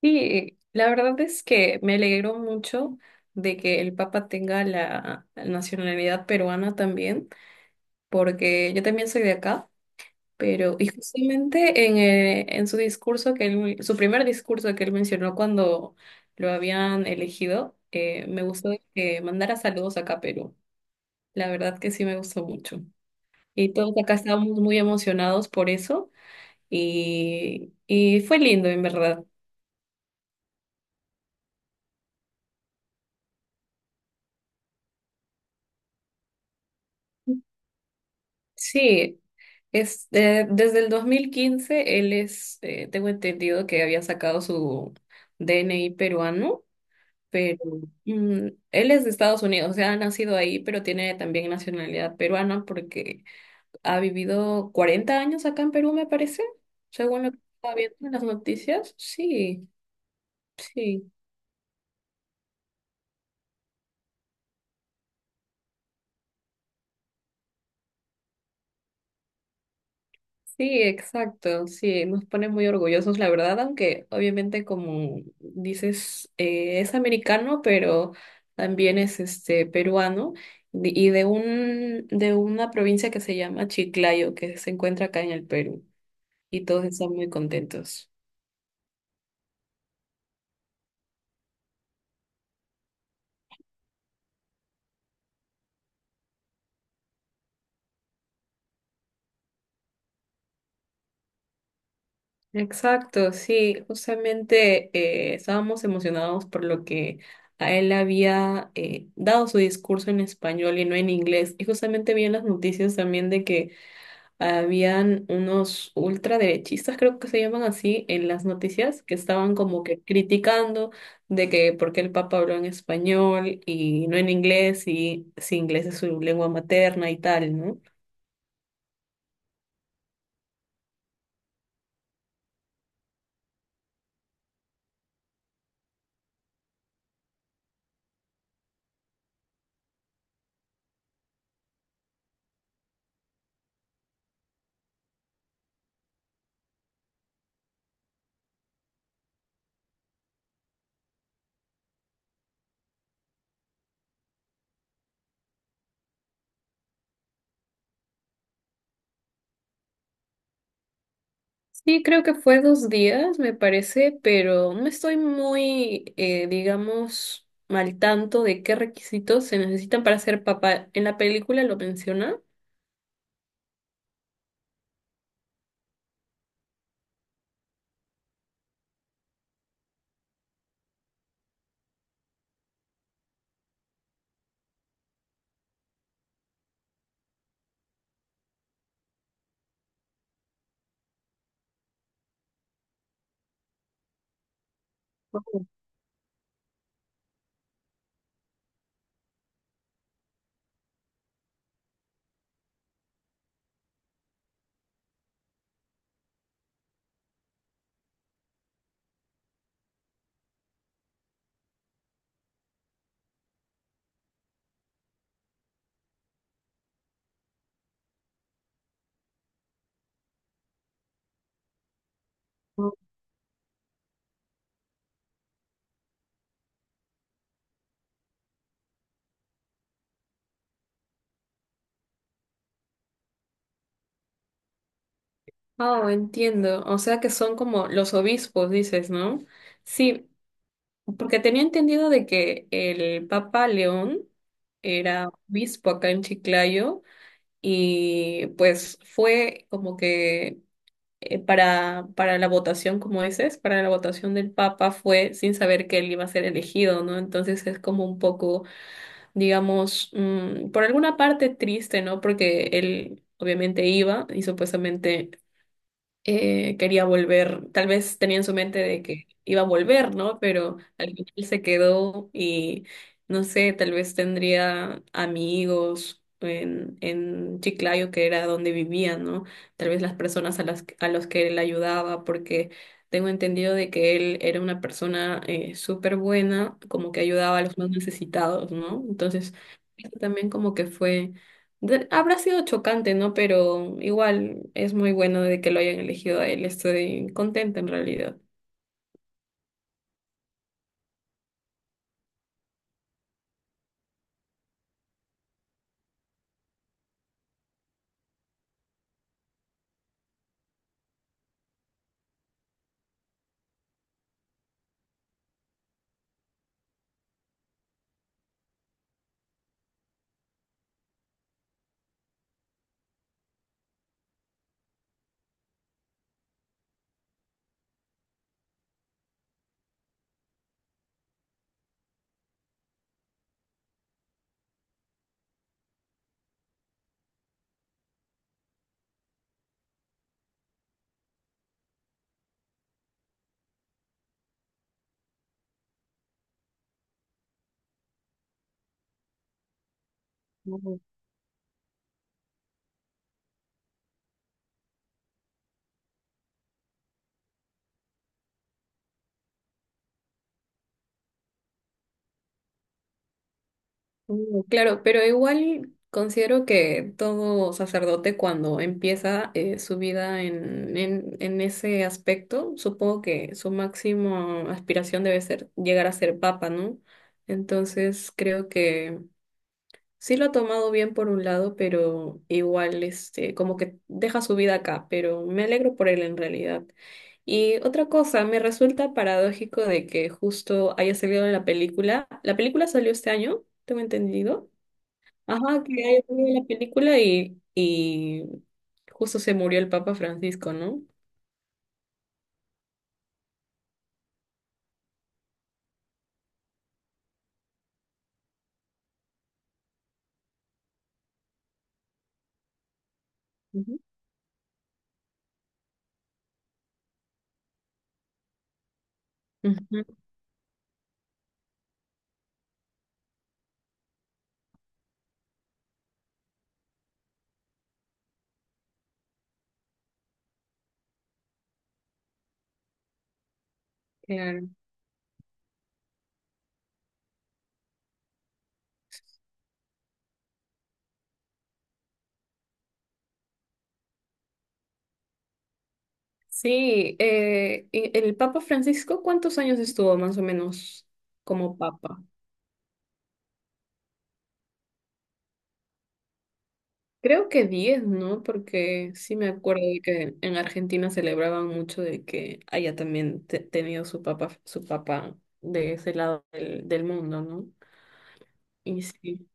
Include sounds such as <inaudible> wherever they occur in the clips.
Sí, la verdad es que me alegro mucho de que el Papa tenga la nacionalidad peruana también, porque yo también soy de acá, pero y justamente en su discurso que él, su primer discurso que él mencionó cuando lo habían elegido, me gustó que mandara saludos acá a Perú. La verdad que sí me gustó mucho. Y todos acá estábamos muy emocionados por eso y fue lindo en verdad. Sí, es, desde el 2015 él es, tengo entendido que había sacado su DNI peruano, pero él es de Estados Unidos, o sea, ha nacido ahí, pero tiene también nacionalidad peruana porque ha vivido 40 años acá en Perú, me parece, según lo que estaba viendo en las noticias. Sí, sí. Sí, exacto, sí, nos pone muy orgullosos, la verdad, aunque obviamente como dices, es americano, pero también es este peruano de una provincia que se llama Chiclayo, que se encuentra acá en el Perú, y todos están muy contentos. Exacto, sí, justamente estábamos emocionados por lo que a él había dado su discurso en español y no en inglés, y justamente vi en las noticias también de que habían unos ultraderechistas, creo que se llaman así, en las noticias, que estaban como que criticando de que por qué el Papa habló en español y no en inglés, y si inglés es su lengua materna y tal, ¿no? Sí, creo que fue 2 días, me parece, pero no estoy muy, digamos, al tanto de qué requisitos se necesitan para ser papá. En la película lo menciona. Oh, entiendo. O sea que son como los obispos, dices, ¿no? Sí, porque tenía entendido de que el Papa León era obispo acá en Chiclayo y pues fue como que para la votación, como dices, para la votación del Papa fue sin saber que él iba a ser elegido, ¿no? Entonces es como un poco, digamos, por alguna parte triste, ¿no? Porque él obviamente iba y supuestamente quería volver, tal vez tenía en su mente de que iba a volver, ¿no? Pero al final se quedó y no sé, tal vez tendría amigos en Chiclayo, que era donde vivía, ¿no? Tal vez las personas a las, a los que él ayudaba, porque tengo entendido de que él era una persona súper buena, como que ayudaba a los más necesitados, ¿no? Entonces también como que fue, habrá sido chocante, ¿no? Pero igual es muy bueno de que lo hayan elegido a él. Estoy contenta en realidad. Ujú. Mm, claro, pero igual considero que todo sacerdote cuando empieza su vida en ese aspecto, supongo que su máxima aspiración debe ser llegar a ser papa, ¿no? Entonces creo que sí lo ha tomado bien por un lado, pero igual, este, como que deja su vida acá, pero me alegro por él en realidad. Y otra cosa, me resulta paradójico de que justo haya salido la película. La película salió este año, tengo entendido. Ajá, que haya salido la película y justo se murió el Papa Francisco, ¿no? Ujú. Ujú, claro. Sí, y el Papa Francisco, ¿cuántos años estuvo más o menos como Papa? Creo que 10, ¿no? Porque sí me acuerdo de que en Argentina celebraban mucho de que haya también tenido su papá de ese lado del mundo, ¿no? Y sí.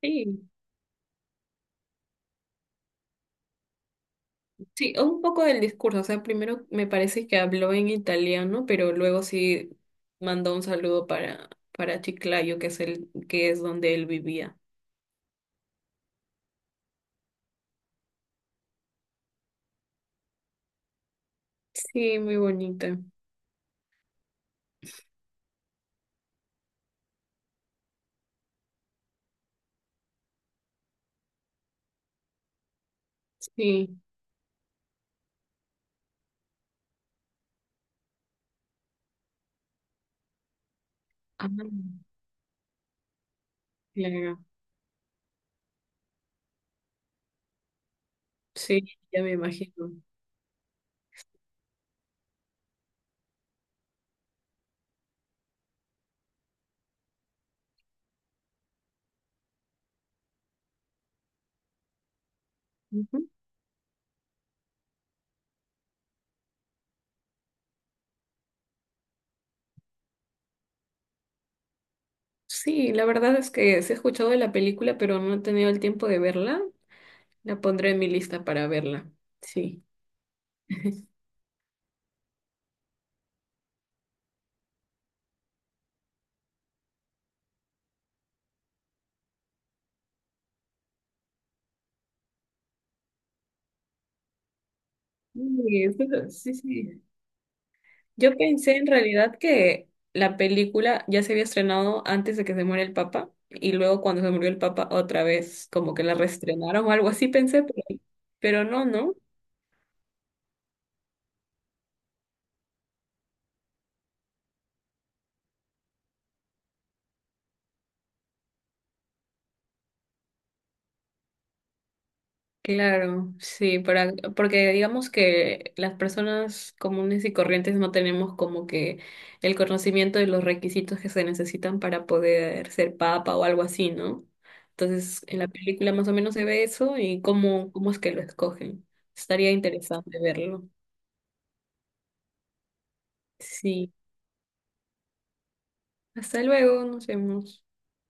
Sí, sí, un poco del discurso. O sea, primero me parece que habló en italiano, pero luego sí mandó un saludo para, Chiclayo, que es el, que es donde él vivía. Sí, muy bonita. Sí. Ah, claro. Sí, ya me imagino. Sí, la verdad es que sí he escuchado de la película, pero no he tenido el tiempo de verla. La pondré en mi lista para verla. Sí. <laughs> Sí, sí, sí. Yo pensé en realidad que la película ya se había estrenado antes de que se muera el Papa y luego cuando se murió el Papa otra vez como que la reestrenaron o algo así pensé, pero, no, ¿no? Claro, sí, para, porque digamos que las personas comunes y corrientes no tenemos como que el conocimiento de los requisitos que se necesitan para poder ser papa o algo así, ¿no? Entonces, en la película más o menos se ve eso y cómo es que lo escogen. Estaría interesante verlo. Sí, hasta luego, nos vemos.